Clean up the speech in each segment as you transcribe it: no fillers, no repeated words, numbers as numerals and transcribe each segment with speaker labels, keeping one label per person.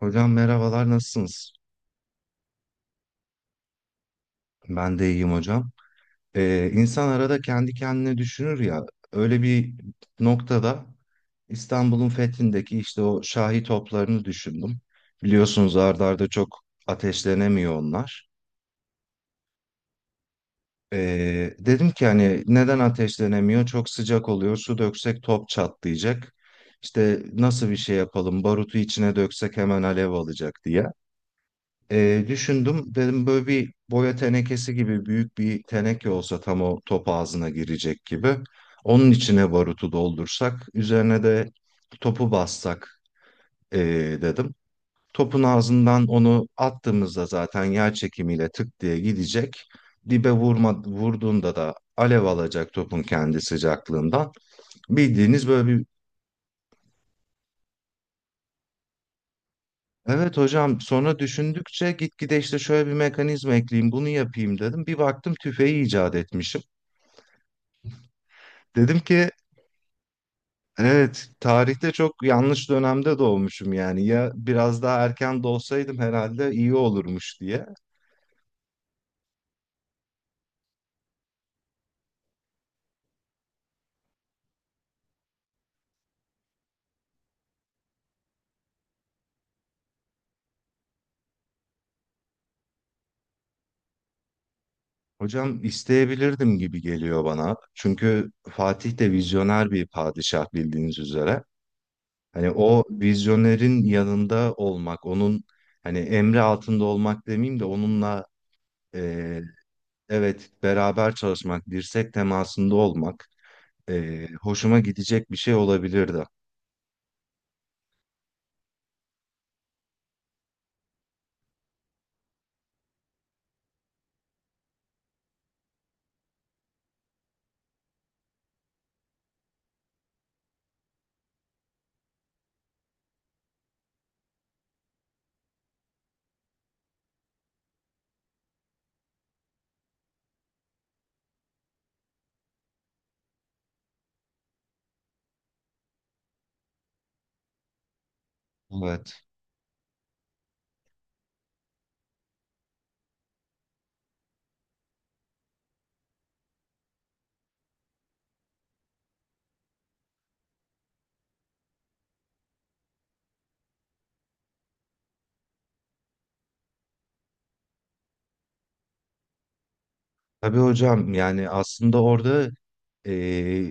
Speaker 1: Hocam merhabalar, nasılsınız? Ben de iyiyim hocam. İnsan arada kendi kendine düşünür ya, öyle bir noktada İstanbul'un fethindeki işte o Şahi toplarını düşündüm. Biliyorsunuz, art arda çok ateşlenemiyor onlar. Dedim ki hani neden ateşlenemiyor? Çok sıcak oluyor. Su döksek top çatlayacak. İşte nasıl bir şey yapalım? Barutu içine döksek hemen alev alacak diye. Düşündüm, dedim böyle bir boya tenekesi gibi büyük bir teneke olsa tam o top ağzına girecek gibi. Onun içine barutu doldursak, üzerine de topu bassak ee, dedim. Topun ağzından onu attığımızda zaten yer çekimiyle tık diye gidecek. Dibe vurma, vurduğunda da alev alacak topun kendi sıcaklığından. Bildiğiniz böyle bir. Evet hocam, sonra düşündükçe gitgide işte şöyle bir mekanizma ekleyeyim, bunu yapayım dedim. Bir baktım tüfeği icat etmişim. Dedim ki evet, tarihte çok yanlış dönemde doğmuşum yani, ya biraz daha erken doğsaydım herhalde iyi olurmuş diye. Hocam isteyebilirdim gibi geliyor bana. Çünkü Fatih de vizyoner bir padişah, bildiğiniz üzere. Hani o vizyonerin yanında olmak, onun hani emri altında olmak demeyeyim de onunla e, evet, beraber çalışmak, dirsek temasında olmak. Hoşuma gidecek bir şey olabilirdi. Evet. Tabii hocam, yani aslında orada e,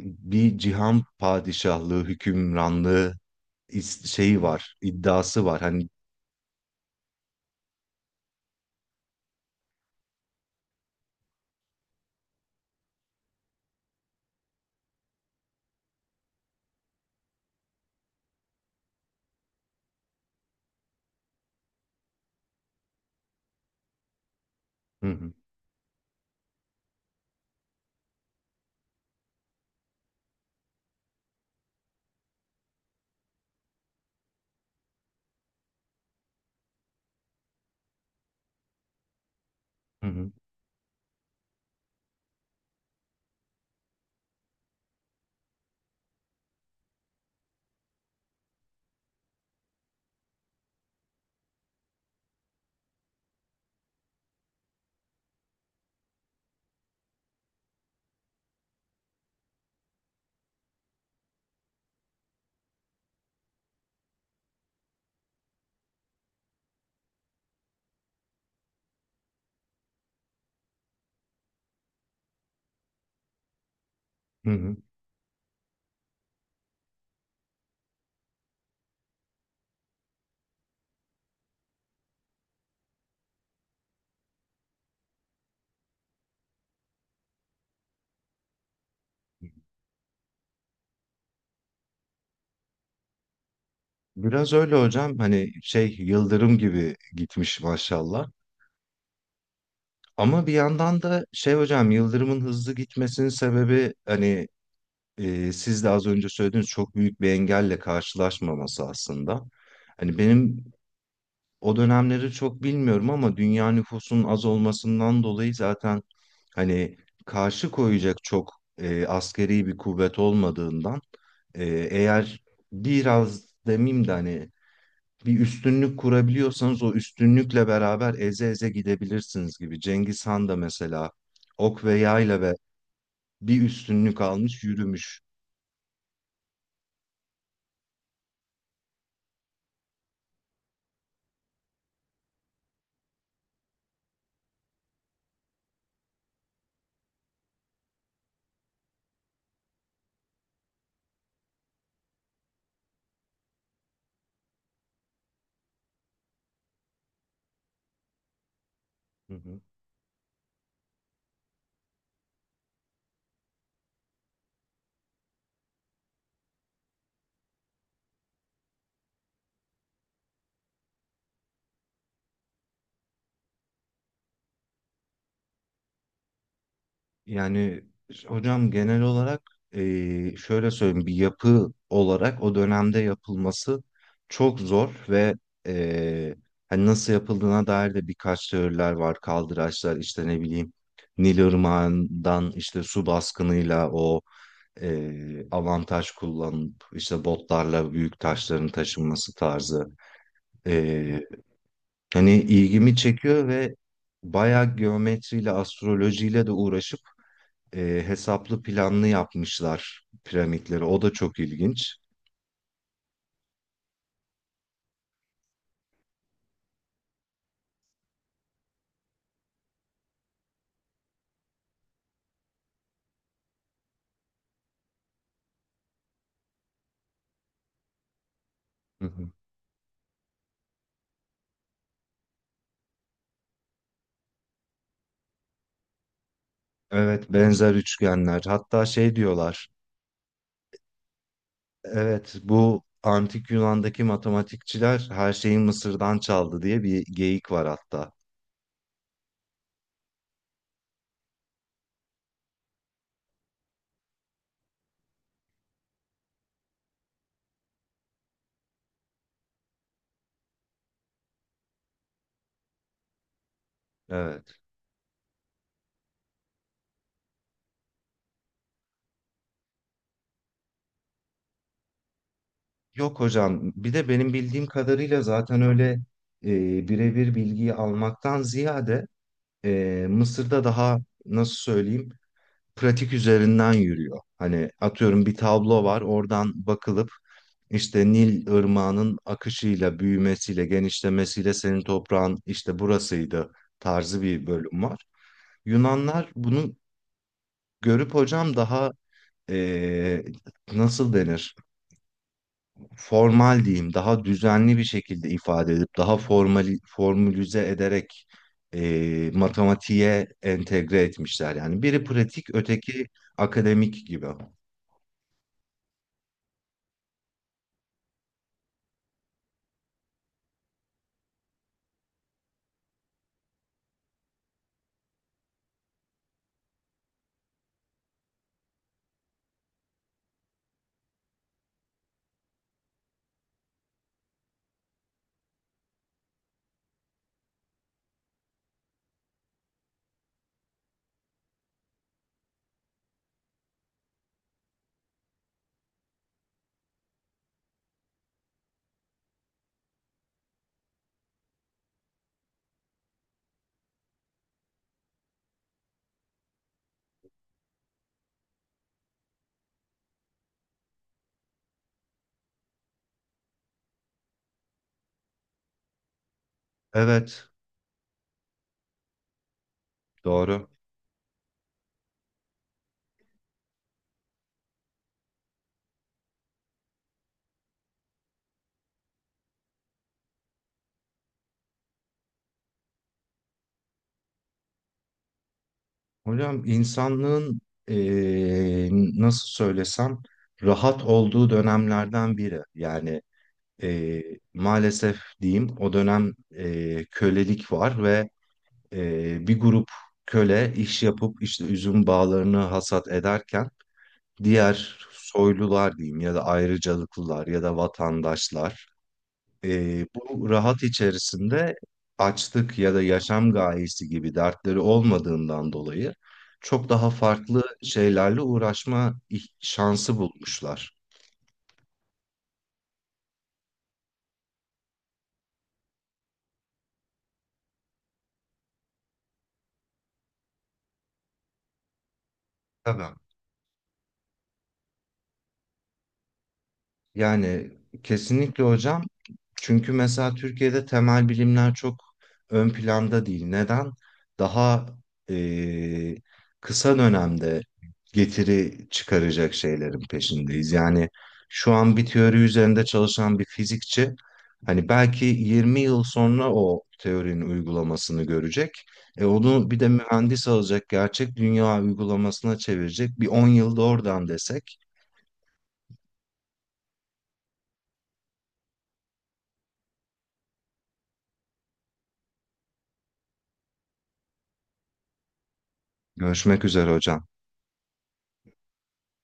Speaker 1: bir cihan padişahlığı, hükümranlığı şeyi var, iddiası var. Hani. Hı hı, hı hı, hı hı. Biraz öyle hocam, hani şey, yıldırım gibi gitmiş maşallah. Ama bir yandan da şey hocam, yıldırımın hızlı gitmesinin sebebi hani, siz de az önce söylediğiniz, çok büyük bir engelle karşılaşmaması aslında. Hani benim, o dönemleri çok bilmiyorum ama dünya nüfusunun az olmasından dolayı zaten hani karşı koyacak çok askeri bir kuvvet olmadığından, e, eğer biraz demeyeyim de hani bir üstünlük kurabiliyorsanız o üstünlükle beraber eze eze gidebilirsiniz gibi. Cengiz Han da mesela ok ve yayla ve bir üstünlük almış, yürümüş. Yani hocam genel olarak şöyle söyleyeyim, bir yapı olarak o dönemde yapılması çok zor ve eee, hani nasıl yapıldığına dair de birkaç teoriler var. Kaldıraçlar işte, ne bileyim, Nil Irmağı'ndan işte su baskınıyla o avantaj kullanıp işte botlarla büyük taşların taşınması tarzı. Eee, Hani ilgimi çekiyor ve bayağı geometriyle astrolojiyle de uğraşıp hesaplı planlı yapmışlar piramitleri. O da çok ilginç. Hı hı. Evet, benzer üçgenler. Hatta şey diyorlar. Evet, bu antik Yunan'daki matematikçiler her şeyi Mısır'dan çaldı diye bir geyik var hatta. Evet. Yok hocam. Bir de benim bildiğim kadarıyla zaten öyle birebir bilgiyi almaktan ziyade Mısır'da daha, nasıl söyleyeyim, pratik üzerinden yürüyor. Hani atıyorum bir tablo var, oradan bakılıp işte Nil ırmağının akışıyla, büyümesiyle, genişlemesiyle senin toprağın işte burasıydı tarzı bir bölüm var. Yunanlar bunu görüp hocam daha eee, nasıl denir? Formal diyeyim, daha düzenli bir şekilde ifade edip daha formali, formülize ederek matematiğe entegre etmişler. Yani biri pratik, öteki akademik gibi. Evet, doğru. Hocam insanlığın eee, nasıl söylesem rahat olduğu dönemlerden biri. Yani maalesef diyeyim, o dönem kölelik var ve bir grup köle iş yapıp işte üzüm bağlarını hasat ederken diğer soylular diyeyim ya da ayrıcalıklılar ya da vatandaşlar, e, bu rahat içerisinde açlık ya da yaşam gayesi gibi dertleri olmadığından dolayı çok daha farklı şeylerle uğraşma şansı bulmuşlar. Tabii. Yani kesinlikle hocam. Çünkü mesela Türkiye'de temel bilimler çok ön planda değil. Neden? Daha eee, kısa dönemde getiri çıkaracak şeylerin peşindeyiz. Yani şu an bir teori üzerinde çalışan bir fizikçi hani belki 20 yıl sonra o teorinin uygulamasını görecek. E onu bir de mühendis alacak, gerçek dünya uygulamasına çevirecek. Bir 10 yılda oradan desek. Görüşmek üzere hocam.